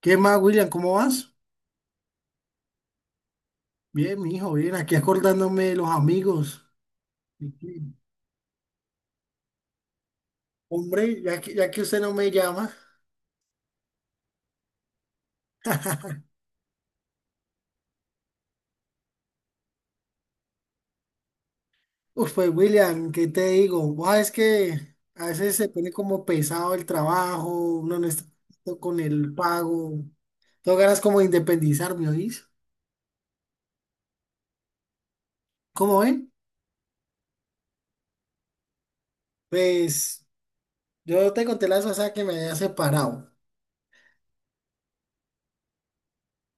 ¿Qué más, William? ¿Cómo vas? Bien, mijo, bien. Aquí acordándome de los amigos. Y que, Hombre, ya que usted no me llama. Uf, pues, William, ¿qué te digo? Buah, es que a veces se pone como pesado el trabajo, uno no está contento con el pago. Tengo ganas como de independizarme, ¿oís? ¿Cómo ven? Pues, yo te conté la vez pasada que me había separado.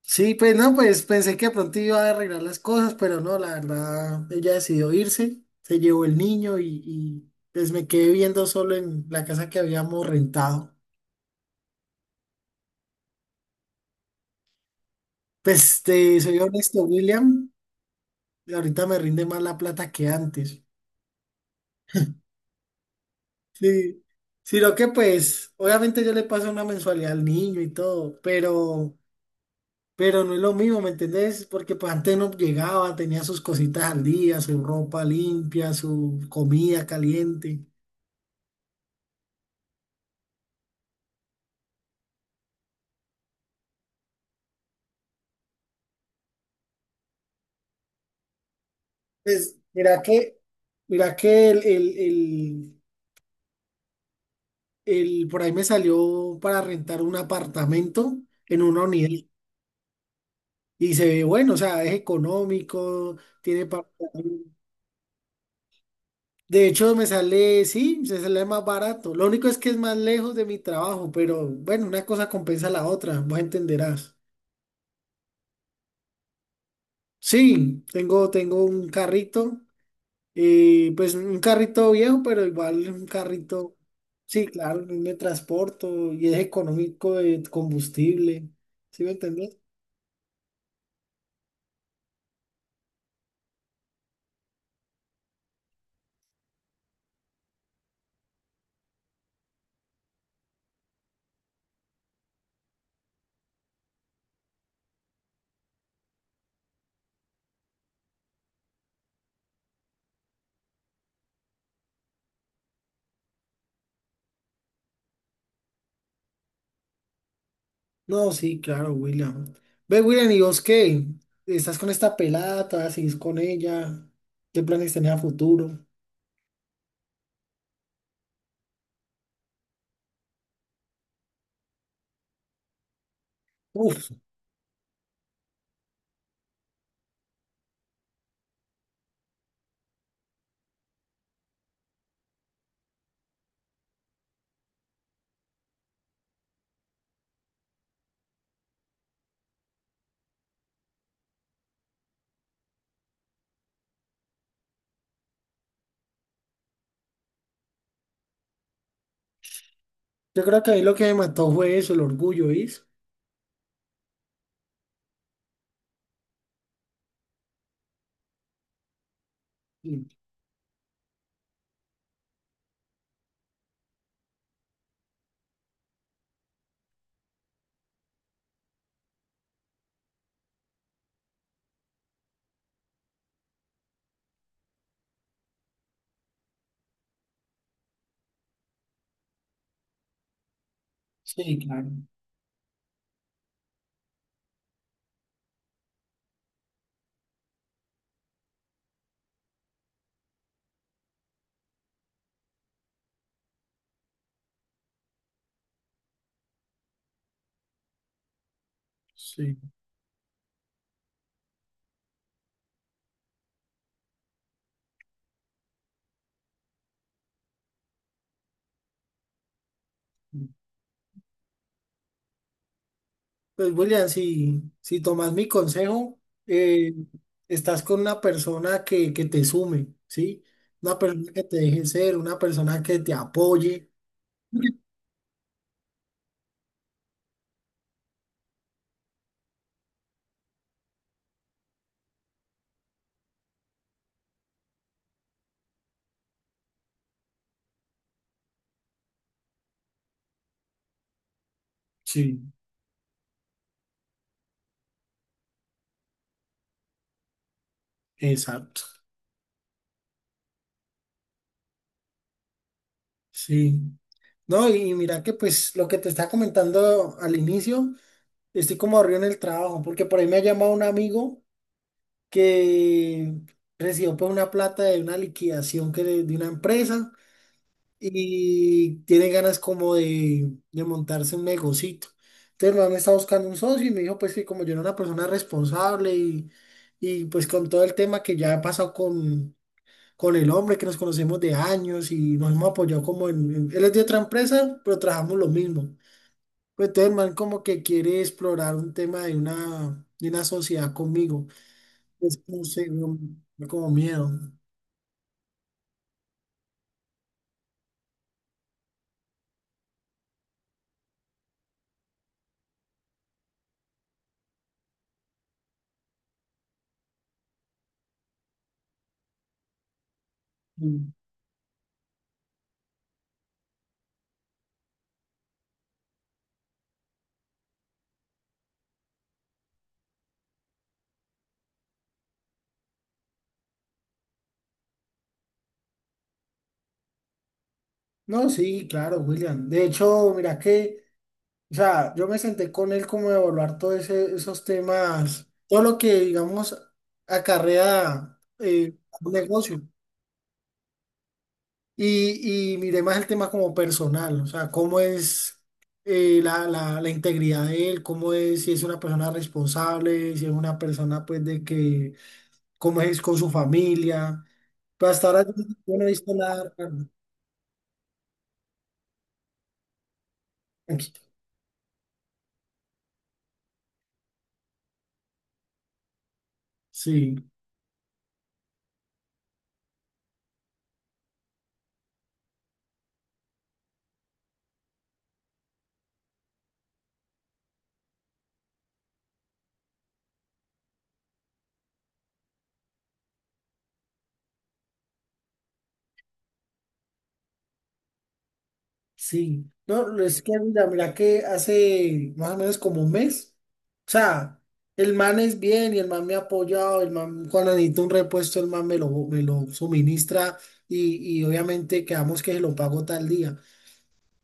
Sí, pues no, pues pensé que de pronto iba a arreglar las cosas, pero no, la verdad, ella decidió irse, se llevó el niño pues me quedé viviendo solo en la casa que habíamos rentado. Pues te soy honesto, William, ahorita me rinde más la plata que antes. Sí, sino que pues, obviamente yo le paso una mensualidad al niño y todo, pero no es lo mismo, ¿me entendés? Porque pues antes no llegaba, tenía sus cositas al día, su ropa limpia, su comida caliente. Pues mira que, mira que por ahí me salió para rentar un apartamento en una unidad y se ve bueno, o sea, es económico, tiene para… De hecho, me sale, sí, se sale más barato. Lo único es que es más lejos de mi trabajo, pero bueno, una cosa compensa la otra, vos entenderás. Sí, tengo un carrito. Y pues un carrito viejo, pero igual un carrito, sí, claro, me transporto y es económico de combustible. ¿Sí me entendés? No, sí, claro, William. Ve, William, ¿y vos qué? ¿Estás con esta pelada? ¿Todavía seguís con ella? ¿Qué planes tenés a futuro? Uf, yo creo que ahí lo que me mató fue eso, el orgullo, ¿viste? Sí, sí, claro. Sí. Pues William, si tomas mi consejo, eh, estás con una persona que te sume, ¿sí? Una persona que te deje ser, una persona que te apoye. Sí, exacto. Sí. No, y mira que pues lo que te estaba comentando al inicio, estoy como aburrido en el trabajo, porque por ahí me ha llamado un amigo que recibió pues una plata de una liquidación de una empresa. Y tiene ganas como de montarse un negocito. Entonces, mamá me está buscando un socio y me dijo, pues que como yo era una persona responsable y pues con todo el tema que ya ha pasado con el hombre, que nos conocemos de años y nos hemos apoyado como él es de otra empresa, pero trabajamos lo mismo. Pues entonces, el man como que quiere explorar un tema de de una sociedad conmigo. Es no sé, como miedo. Mm. No, sí, claro, William. De hecho, mira que… O sea, yo me senté con él como a evaluar todos esos temas, todo lo que, digamos, acarrea un negocio. Y miré más el tema como personal, o sea, cómo es la integridad de él, cómo es, si es una persona responsable, si es una persona, pues, de que, cómo es con su familia. Pero hasta ahora yo no he visto nada raro. Tranquilo. Sí. Sí, no, es que mira, mira que hace más o menos como un mes, o sea, el man es bien y el man me ha apoyado, el man cuando necesito un repuesto, el man me lo suministra y obviamente quedamos que se lo pago tal día.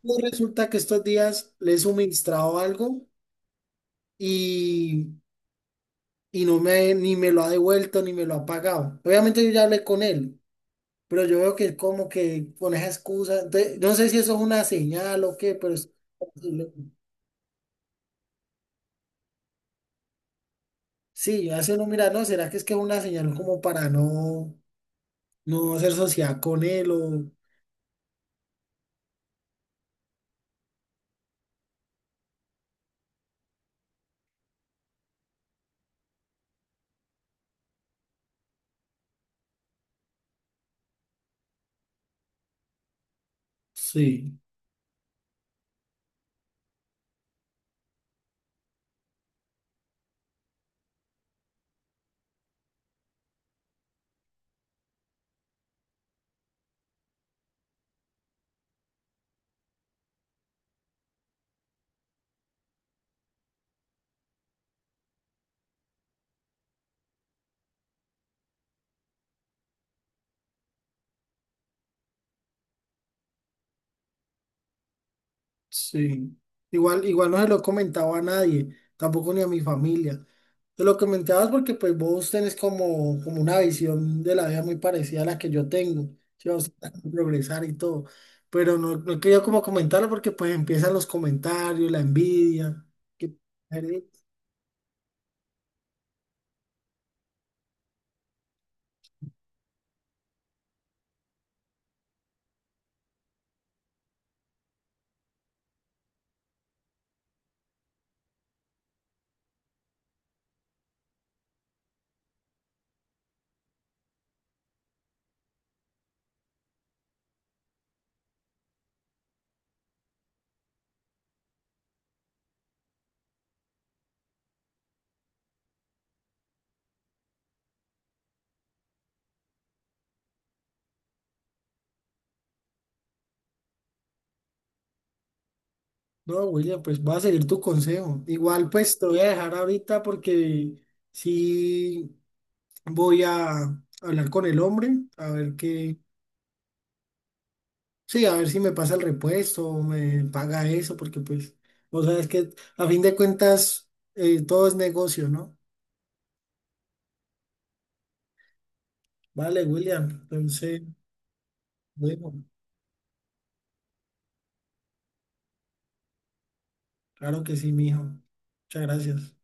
Y resulta que estos días le he suministrado algo y, y no me, ni me lo ha devuelto ni me lo ha pagado. Obviamente yo ya hablé con él, pero yo veo que como que con esa excusa, entonces, no sé si eso es una señal o qué, pero es… Sí, hace uno mira, no, ¿será que es una señal como para no, no hacer sociedad con él o sí, sí. Igual, igual no se lo he comentado a nadie, tampoco ni a mi familia. Te lo comentabas porque pues vos tenés como una visión de la vida muy parecida a la que yo tengo, que vos tratás de progresar y todo. Pero no, no he querido como comentarlo porque pues empiezan los comentarios, la envidia. que- No, William, pues voy a seguir tu consejo. Igual pues te voy a dejar ahorita porque sí voy a hablar con el hombre, a ver qué, sí, a ver si me pasa el repuesto o me paga eso, porque pues, vos sabes que a fin de cuentas todo es negocio, ¿no? Vale, William, entonces, bueno, claro que sí, mijo. Muchas gracias.